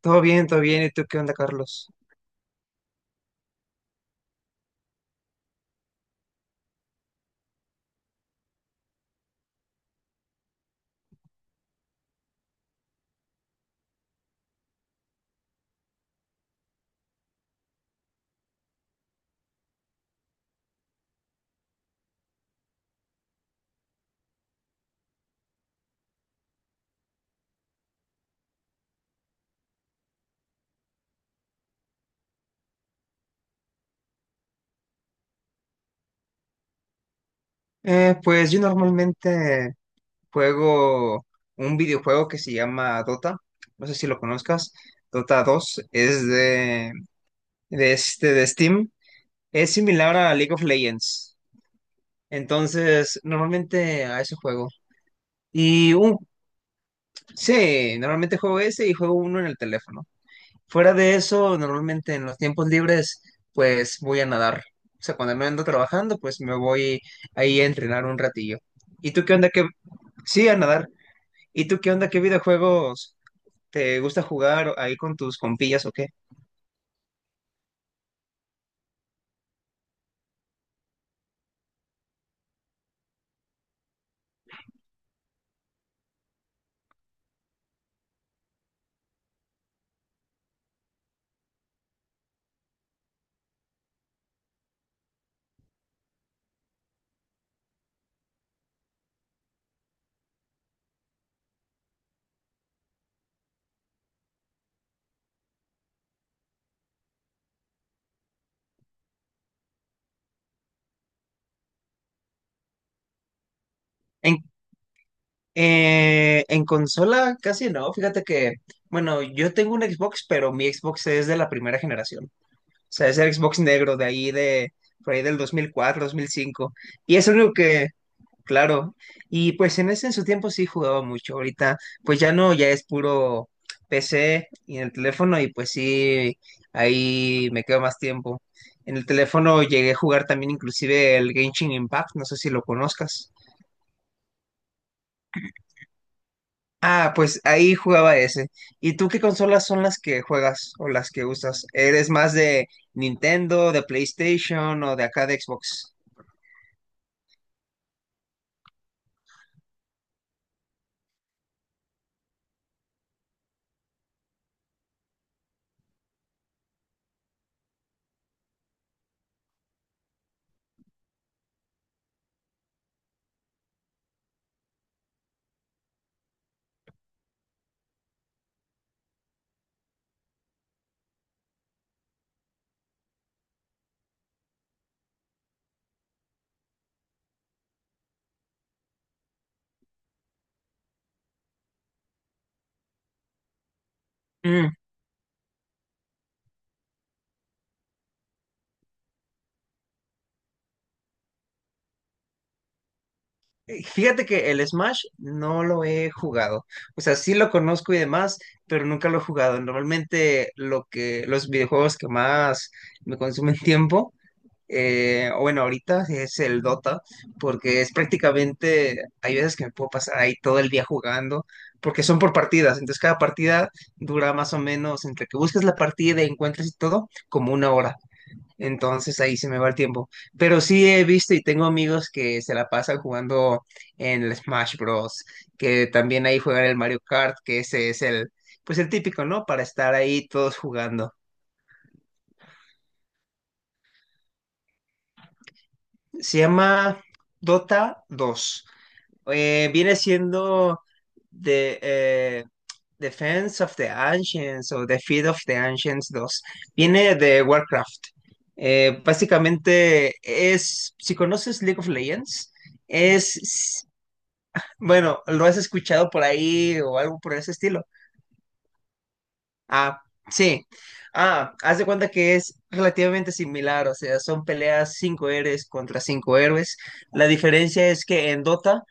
Todo bien, todo bien. ¿Y tú qué onda, Carlos? Pues yo normalmente juego un videojuego que se llama Dota. No sé si lo conozcas. Dota dos es de este, de Steam. Es similar a League of Legends. Entonces, normalmente a ese juego. Y un, sí, normalmente juego ese y juego uno en el teléfono. Fuera de eso, normalmente en los tiempos libres, pues voy a nadar. O sea, cuando me ando trabajando, pues me voy ahí a entrenar un ratillo. ¿Y tú qué onda? ¿Qué? Sí, a nadar. ¿Y tú qué onda? ¿Qué videojuegos te gusta jugar ahí con tus compillas o qué? En, en consola casi no. Fíjate que, bueno, yo tengo un Xbox, pero mi Xbox es de la primera generación. O sea, es el Xbox negro de ahí de, por ahí del 2004, 2005. Y es el único que Claro, y pues en ese en su tiempo sí jugaba mucho. Ahorita pues ya no, ya es puro PC y en el teléfono, y pues sí, ahí me quedo más tiempo. En el teléfono llegué a jugar también inclusive el Genshin Impact, no sé si lo conozcas. Ah, pues ahí jugaba ese. ¿Y tú qué consolas son las que juegas o las que usas? ¿Eres más de Nintendo, de PlayStation o de acá de Xbox? Fíjate que el Smash no lo he jugado. O sea, sí lo conozco y demás, pero nunca lo he jugado. Normalmente lo que, los videojuegos que más me consumen tiempo, o bueno, ahorita es el Dota, porque es prácticamente, hay veces que me puedo pasar ahí todo el día jugando, porque son por partidas. Entonces cada partida dura más o menos, entre que buscas la partida y encuentras y todo, como una hora. Entonces ahí se me va el tiempo. Pero sí he visto y tengo amigos que se la pasan jugando en el Smash Bros. Que también ahí juegan el Mario Kart, que ese es el, pues el típico, ¿no? Para estar ahí todos jugando. Se llama Dota 2. Viene siendo de, eh, Defense of the Ancients o Defeat of the Ancients dos. Viene de Warcraft. Básicamente es, si conoces League of Legends, es, bueno, lo has escuchado por ahí o algo por ese estilo. Ah, sí. Ah, haz de cuenta que es relativamente similar. O sea, son peleas 5 héroes contra 5 héroes. La diferencia es que en Dota,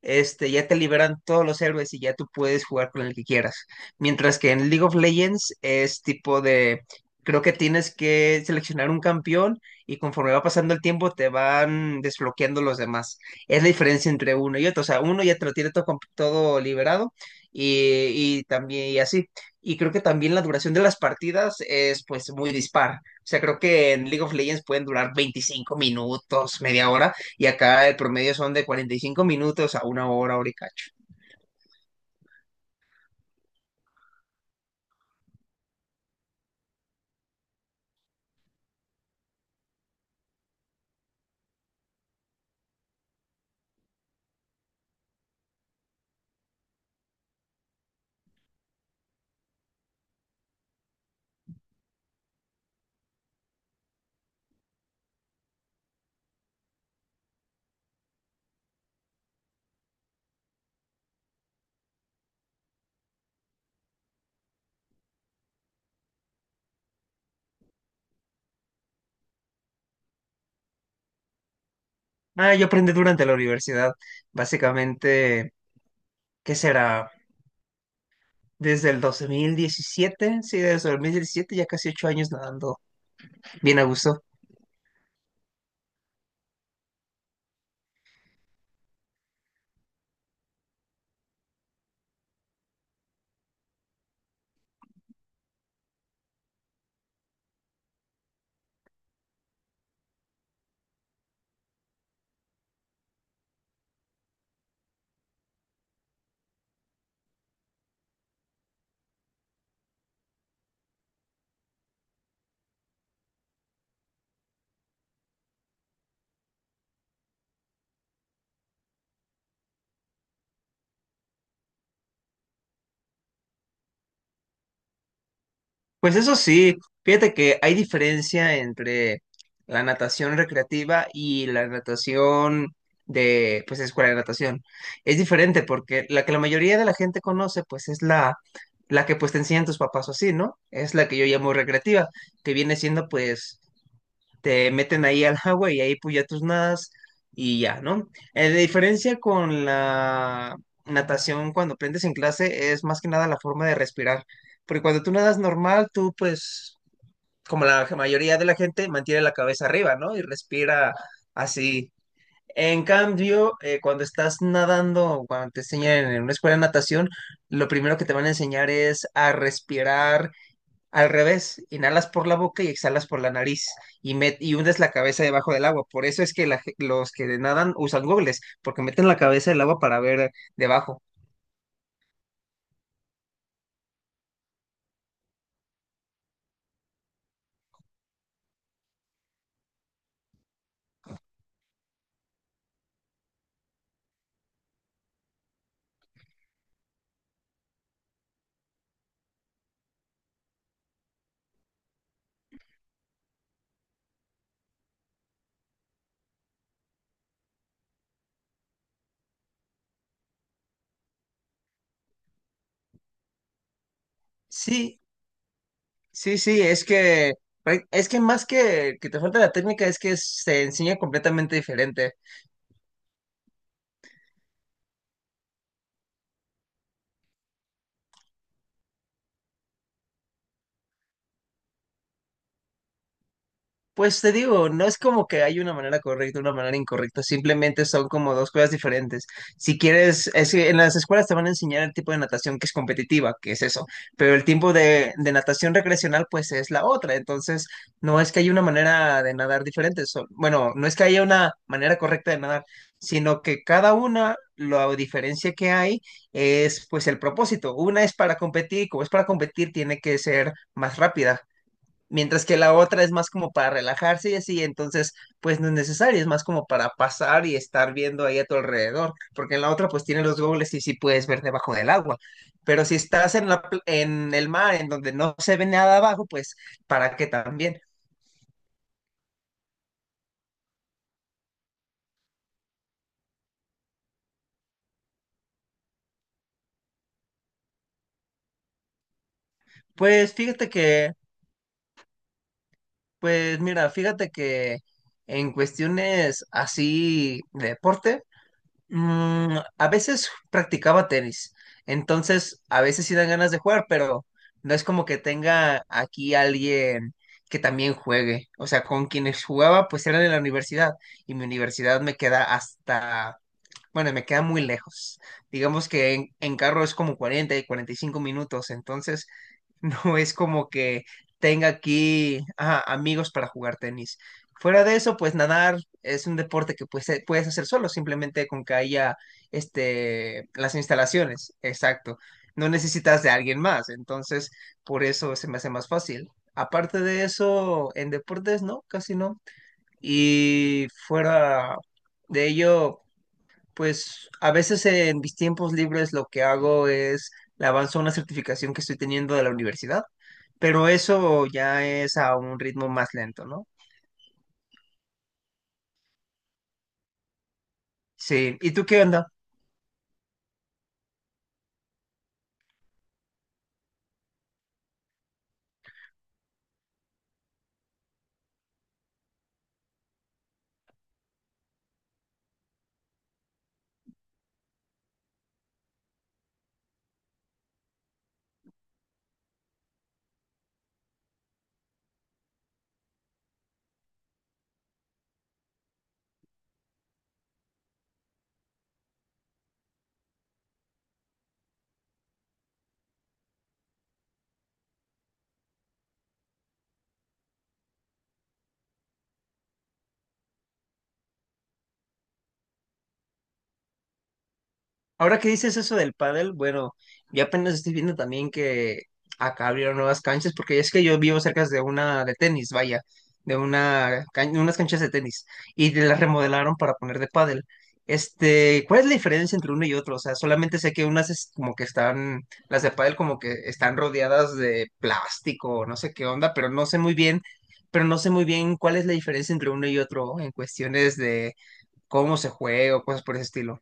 este, ya te liberan todos los héroes y ya tú puedes jugar con el que quieras. Mientras que en League of Legends es tipo de, creo que tienes que seleccionar un campeón y conforme va pasando el tiempo te van desbloqueando los demás. Es la diferencia entre uno y otro. O sea, uno ya te lo tiene todo, todo liberado, y, y también y así. Y creo que también la duración de las partidas es pues muy dispar. O sea, creo que en League of Legends pueden durar 25 minutos, media hora, y acá el promedio son de 45 minutos a una hora, hora y cacho. Ah, yo aprendí durante la universidad, básicamente. ¿Qué será? Desde el 2017, sí, desde el 2017, ya casi 8 años nadando. Bien a gusto. Pues eso sí, fíjate que hay diferencia entre la natación recreativa y la natación de, pues, escuela de natación. Es diferente porque la que la mayoría de la gente conoce, pues, es la que, pues, te enseñan tus papás o así, ¿no? Es la que yo llamo recreativa, que viene siendo, pues, te meten ahí al agua y ahí pues ya tus nadas y ya, ¿no? La diferencia con la natación cuando aprendes en clase es más que nada la forma de respirar, porque cuando tú nadas normal, tú pues, como la mayoría de la gente, mantiene la cabeza arriba, ¿no? Y respira así. En cambio, cuando estás nadando, o cuando te enseñan en una escuela de natación, lo primero que te van a enseñar es a respirar al revés: inhalas por la boca y exhalas por la nariz y, y hundes la cabeza debajo del agua. Por eso es que los que nadan usan gogles, porque meten la cabeza del agua para ver debajo. Sí, sí, sí, es que más que te falta la técnica, es que se enseña completamente diferente. Pues te digo, no es como que hay una manera correcta, una manera incorrecta, simplemente son como dos cosas diferentes. Si quieres, es que en las escuelas te van a enseñar el tipo de natación que es competitiva, que es eso, pero el tipo de natación recreacional pues es la otra. Entonces, no es que haya una manera de nadar diferente, bueno, no es que haya una manera correcta de nadar, sino que cada una, la diferencia que hay es pues el propósito. Una es para competir, como es para competir, tiene que ser más rápida. Mientras que la otra es más como para relajarse y así, entonces pues no es necesario, es más como para pasar y estar viendo ahí a tu alrededor, porque en la otra pues tiene los goggles y sí puedes ver debajo del agua, pero si estás en el mar, en donde no se ve nada abajo, pues ¿para qué también? Pues fíjate que, pues mira, fíjate que en cuestiones así de deporte, a veces practicaba tenis, entonces a veces sí dan ganas de jugar, pero no es como que tenga aquí alguien que también juegue. O sea, con quienes jugaba pues eran en la universidad, y mi universidad me queda hasta, bueno, me queda muy lejos. Digamos que en carro es como 40 y 45 minutos, entonces no es como que tenga aquí, ajá, amigos para jugar tenis. Fuera de eso, pues nadar es un deporte que pues, puedes hacer solo, simplemente con que haya, este, las instalaciones. Exacto. No necesitas de alguien más, entonces por eso se me hace más fácil. Aparte de eso, en deportes no, casi no. Y fuera de ello, pues a veces en mis tiempos libres lo que hago es le avanzo una certificación que estoy teniendo de la universidad, pero eso ya es a un ritmo más lento, ¿no? Sí, ¿y tú qué onda? Ahora que dices eso del pádel, bueno, yo apenas estoy viendo también que acá abrieron nuevas canchas, porque es que yo vivo cerca de una de tenis, vaya, de unas canchas de tenis, y de las remodelaron para poner de pádel. Este, ¿cuál es la diferencia entre uno y otro? O sea, solamente sé que unas es como que están, las de pádel como que están rodeadas de plástico, no sé qué onda, pero no sé muy bien, pero no sé muy bien cuál es la diferencia entre uno y otro en cuestiones de cómo se juega o cosas por ese estilo.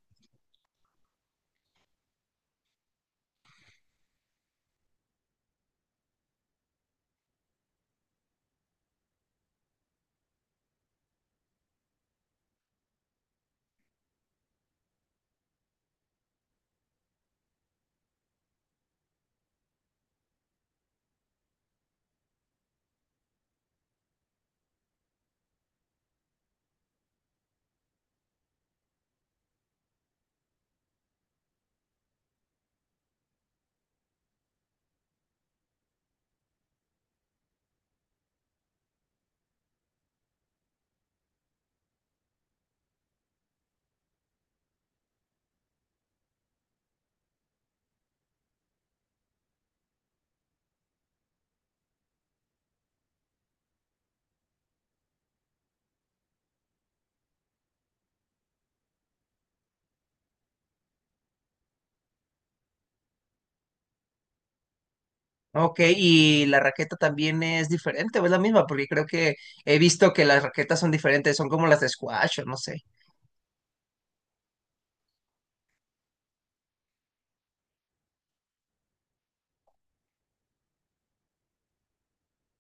Ok, y la raqueta también es diferente, o es la misma, porque creo que he visto que las raquetas son diferentes, son como las de squash o no sé.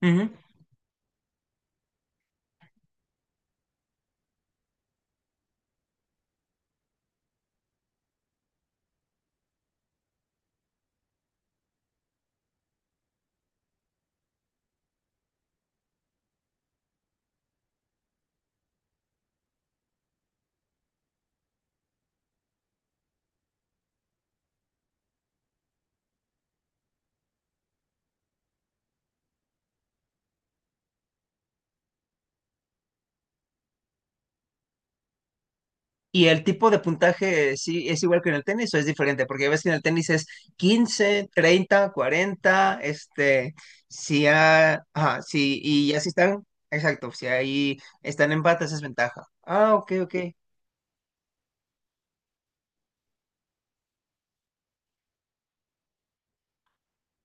Ujú. Y el tipo de puntaje, ¿sí es igual que en el tenis o es diferente? Porque ves que en el tenis es 15, 30, 40, este, si, ha- ajá, sí, y ya si están, exacto, si ahí están empates, es ventaja. Ah, ok, ok.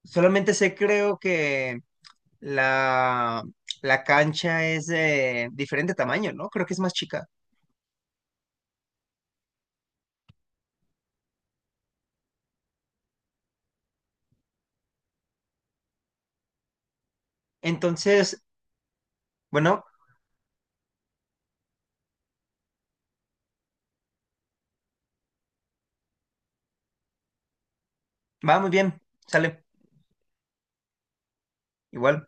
Solamente sé, creo que la, la cancha es de diferente tamaño, ¿no? Creo que es más chica. Entonces, bueno, va muy bien, sale igual.